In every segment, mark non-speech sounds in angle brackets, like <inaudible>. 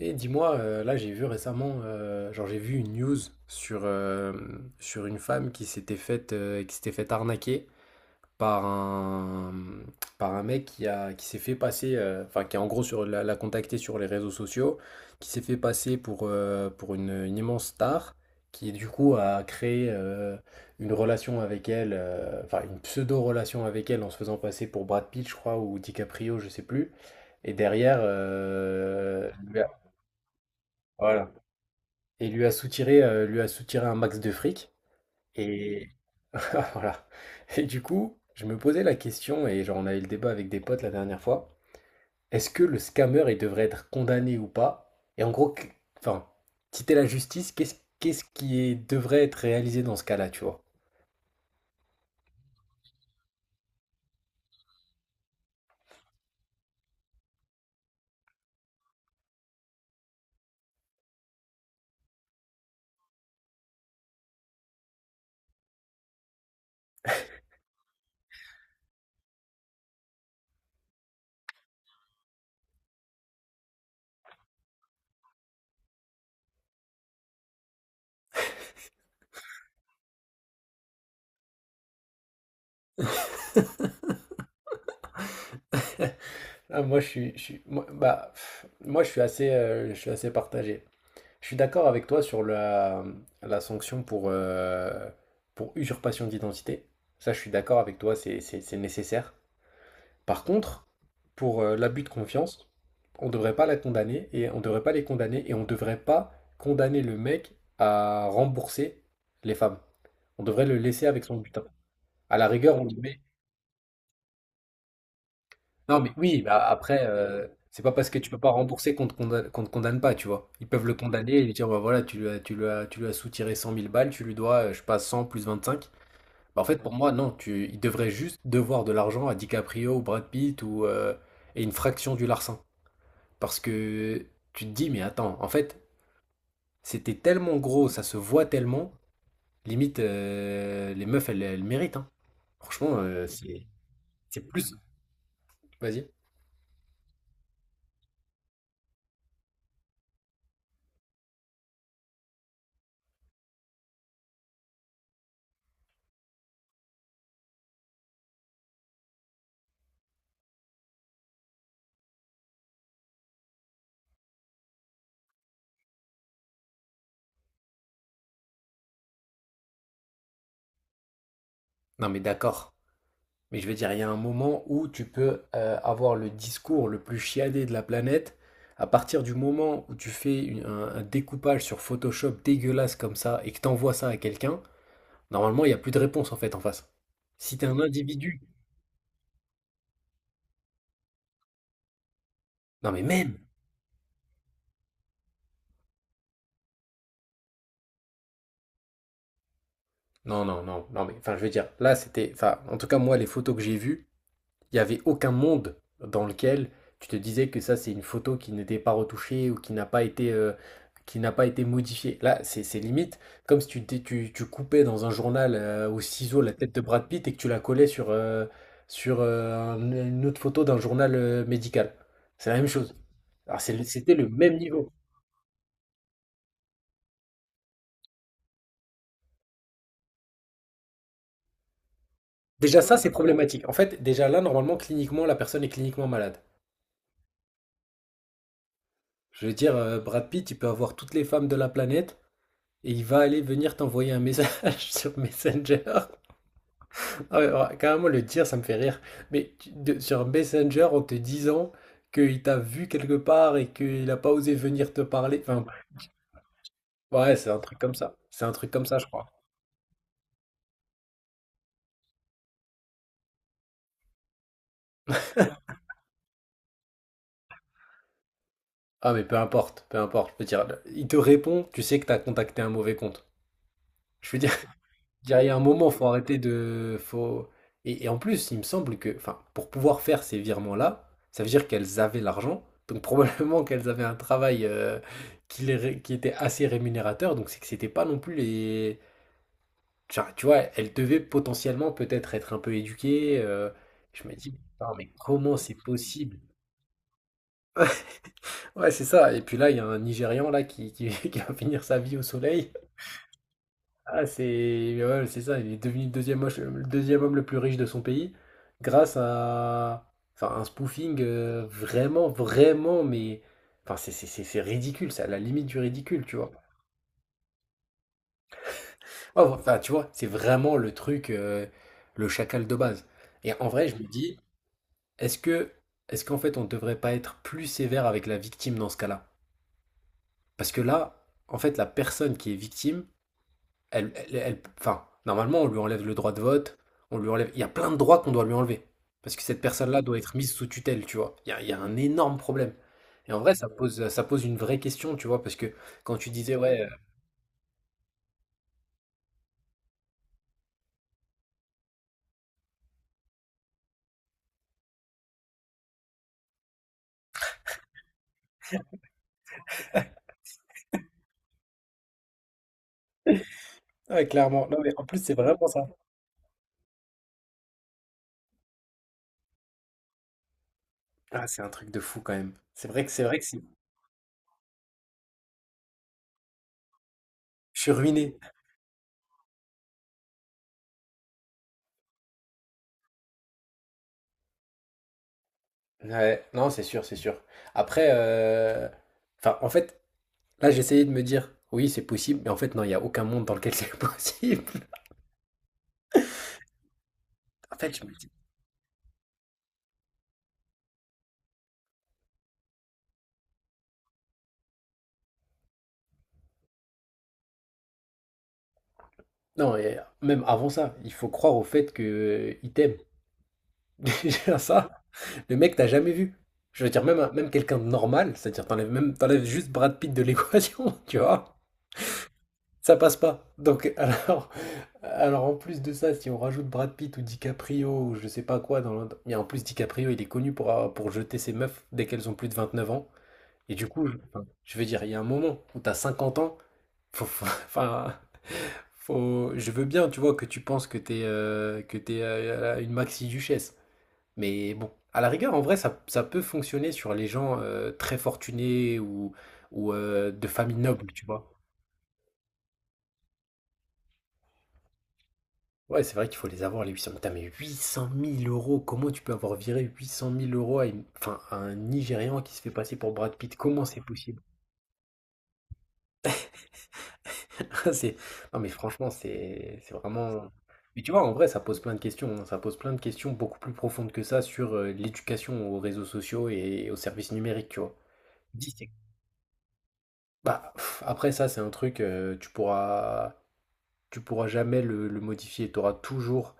Et dis-moi, là j'ai vu récemment, genre j'ai vu une news sur, sur une femme qui s'était faite arnaquer par un par un mec qui s'est fait passer, enfin qui a en gros sur l'a contacté sur les réseaux sociaux, qui s'est fait passer pour une immense star, qui du coup a créé une relation avec elle, enfin une pseudo relation avec elle en se faisant passer pour Brad Pitt, je crois, ou DiCaprio, je sais plus. Et derrière, voilà. Et lui a soutiré un max de fric et <laughs> voilà. Et du coup, je me posais la question, et genre on a eu le débat avec des potes la dernière fois. Est-ce que le scammer, il devrait être condamné ou pas? Et en gros, qu enfin, si t'es la justice, qu'est-ce qui devrait être réalisé dans ce cas-là, tu vois? Ah, moi, je suis moi, bah, pff, moi, je suis assez partagé. Je suis d'accord avec toi sur la, la sanction pour usurpation d'identité. Ça, je suis d'accord avec toi, c'est nécessaire. Par contre, pour l'abus de confiance, on ne devrait pas la condamner, et on ne devrait pas les condamner, et on ne devrait pas condamner le mec à rembourser les femmes. On devrait le laisser avec son butin. À la rigueur, on lui met. Non, mais oui, bah après, c'est pas parce que tu peux pas rembourser qu'on te condamne pas, tu vois. Ils peuvent le condamner et lui dire, bah voilà, tu lui as soutiré 100 000 balles, tu lui dois, je sais pas, 100 plus 25. Bah, en fait, pour moi, non, il devrait juste devoir de l'argent à DiCaprio ou Brad Pitt ou, et une fraction du larcin. Parce que tu te dis, mais attends, en fait, c'était tellement gros, ça se voit tellement, limite, les meufs, elles méritent, hein. Franchement, c'est plus. Vas-y. Non, mais d'accord. Mais je veux dire, il y a un moment où tu peux avoir le discours le plus chiadé de la planète. À partir du moment où tu fais un découpage sur Photoshop dégueulasse comme ça et que t'envoies ça à quelqu'un, normalement, il n'y a plus de réponse en fait en face. Si t'es un individu. Non, mais même. Non, non, non, non, mais enfin, je veux dire, là, c'était, enfin, en tout cas, moi, les photos que j'ai vues, il n'y avait aucun monde dans lequel tu te disais que ça, c'est une photo qui n'était pas retouchée ou qui n'a pas été modifiée. Là, c'est limite comme si tu coupais dans un journal au ciseau la tête de Brad Pitt et que tu la collais sur, une autre photo d'un journal médical. C'est la même chose. Alors, c'était le même niveau. Déjà, ça, c'est problématique. En fait, déjà là, normalement, cliniquement, la personne est cliniquement malade. Je veux dire, Brad Pitt, il peut avoir toutes les femmes de la planète et il va aller venir t'envoyer un message <laughs> sur Messenger. Ah, ouais, ouais, carrément, le dire, ça me fait rire. Mais sur Messenger, en te disant qu'il t'a vu quelque part et qu'il n'a pas osé venir te parler. Enfin, ouais, c'est un truc comme ça. C'est un truc comme ça, je crois. Ah, mais peu importe, peu importe. Je veux dire, il te répond, tu sais que t'as contacté un mauvais compte. Je veux dire. Je dirais, il y a un moment, faut arrêter de. Faut. Et, en plus, il me semble que, enfin, pour pouvoir faire ces virements-là, ça veut dire qu'elles avaient l'argent. Donc <laughs> probablement qu'elles avaient un travail qui était assez rémunérateur. Donc c'est que c'était pas non plus les. Genre, tu vois, elles devaient potentiellement peut-être être un peu éduquées. Je me dis, putain, mais comment c'est possible? <laughs> Ouais, c'est ça. Et puis là, il y a un Nigérian là <laughs> qui va finir sa vie au soleil. Ah, c'est mais ouais, c'est ça, il est devenu le deuxième homme le plus riche de son pays grâce à enfin, un spoofing vraiment, vraiment, mais enfin, c'est ridicule, c'est à la limite du ridicule, tu vois. Oh. Enfin, tu vois, c'est vraiment le truc, le chacal de base. Et en vrai, je me dis, est-ce que, est-ce qu'en fait, on ne devrait pas être plus sévère avec la victime dans ce cas-là? Parce que là, en fait, la personne qui est victime, enfin, normalement, on lui enlève le droit de vote, on lui enlève. Il y a plein de droits qu'on doit lui enlever. Parce que cette personne-là doit être mise sous tutelle, tu vois. Il y a un énorme problème. Et en vrai, ça pose une vraie question, tu vois, parce que quand tu disais, ouais, euh, ouais, clairement. Non, mais en plus, c'est vraiment ça. Ah, c'est un truc de fou quand même. C'est vrai que je suis ruiné. Ouais, non, c'est sûr, c'est sûr. Après, enfin, en fait, là, j'essayais de me dire, oui, c'est possible, mais en fait, non, il n'y a aucun monde dans lequel c'est <laughs> possible. En fait, je me dis, non, et même avant ça, il faut croire au fait que il t'aime. <laughs> Déjà ça, le mec t'as jamais vu. Je veux dire, même, même quelqu'un de normal, c'est-à-dire t'enlèves juste Brad Pitt de l'équation, <laughs> tu vois, ça passe pas. Donc, <laughs> alors en plus de ça, si on rajoute Brad Pitt ou DiCaprio ou je sais pas quoi mais en plus, DiCaprio, il est connu pour, pour jeter ses meufs dès qu'elles ont plus de 29 ans. Et du coup, enfin, je veux dire, il y a un moment où t'as 50 ans, <laughs> enfin, faut. Je veux bien, tu vois, que tu penses que t'es une maxi-duchesse. Mais bon, à la rigueur, en vrai, ça peut fonctionner sur les gens très fortunés ou, de famille noble, tu vois. Ouais, c'est vrai qu'il faut les avoir, les 800 000. Putain, mais 800 000 euros, comment tu peux avoir viré 800 000 euros enfin, à un Nigérian qui se fait passer pour Brad Pitt? Comment c'est possible? <laughs> C'est Non, mais franchement, c'est vraiment mais tu vois, en vrai, ça pose plein de questions, hein. Ça pose plein de questions beaucoup plus profondes que ça sur, l'éducation aux réseaux sociaux et aux services numériques, tu vois? Dis c'est Bah, pff, après ça, c'est un truc, tu pourras jamais le modifier. Tu auras toujours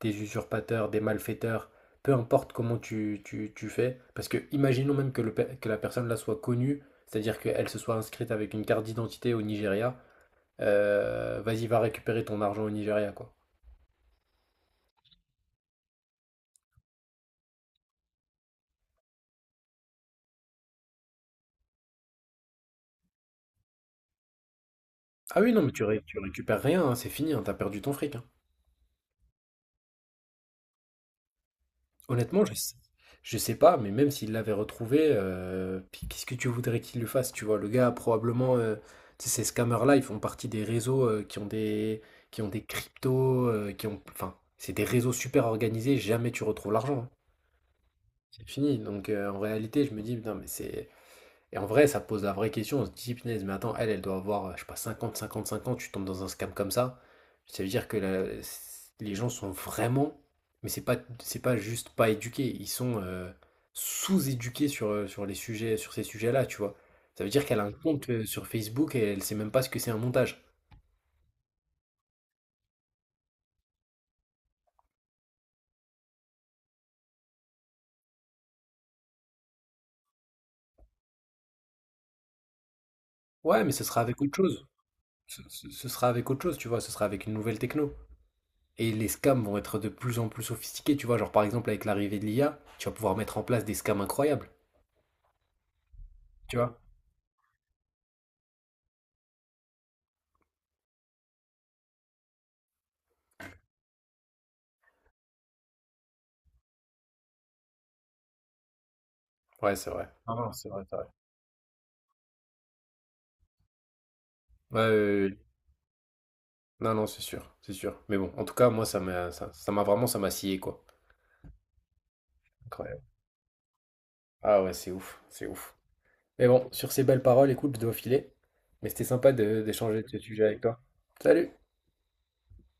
des usurpateurs, des malfaiteurs, peu importe comment tu fais. Parce que imaginons même que le pe que la personne là soit connue, c'est-à-dire qu'elle se soit inscrite avec une carte d'identité au Nigeria. Vas-y, va récupérer ton argent au Nigeria, quoi. Ah oui, non, mais tu récupères rien, hein, c'est fini, hein, tu perdu ton fric, hein. Honnêtement, je sais pas, mais même s'il l'avait retrouvé, puis qu'est-ce que tu voudrais qu'il lui fasse, tu vois? Le gars, probablement, tu sais, ces scammers-là, ils font partie des réseaux, qui ont des cryptos, qui ont enfin, c'est des réseaux super organisés, jamais tu retrouves l'argent, hein. C'est fini, donc en réalité, je me dis: «Putain, mais c'est et en vrai, ça pose la vraie question, on se dit, punaise, mais attends, elle, doit avoir, je sais pas, 50, 55 ans, tu tombes dans un scam comme ça. Ça veut dire que les gens sont vraiment, mais c'est pas juste pas éduqués, ils sont sous-éduqués sur, sur les sujets, sur ces sujets-là, tu vois. Ça veut dire qu'elle a un compte sur Facebook et elle sait même pas ce que c'est un montage. Ouais, mais ce sera avec autre chose. Ce sera avec autre chose, tu vois, ce sera avec une nouvelle techno. Et les scams vont être de plus en plus sophistiqués, tu vois. Genre par exemple avec l'arrivée de l'IA, tu vas pouvoir mettre en place des scams incroyables, tu vois. Ouais, c'est vrai. Non, non, c'est vrai, c'est vrai. Ouais, ouais, ouais, ouais. Non, non, c'est sûr, c'est sûr. Mais bon, en tout cas, moi, ça m'a vraiment, ça m'a scié, quoi. Incroyable. Ah ouais, c'est ouf, c'est ouf. Mais bon, sur ces belles paroles, écoute, je dois filer. Mais c'était sympa d'échanger de ce sujet avec toi. Salut!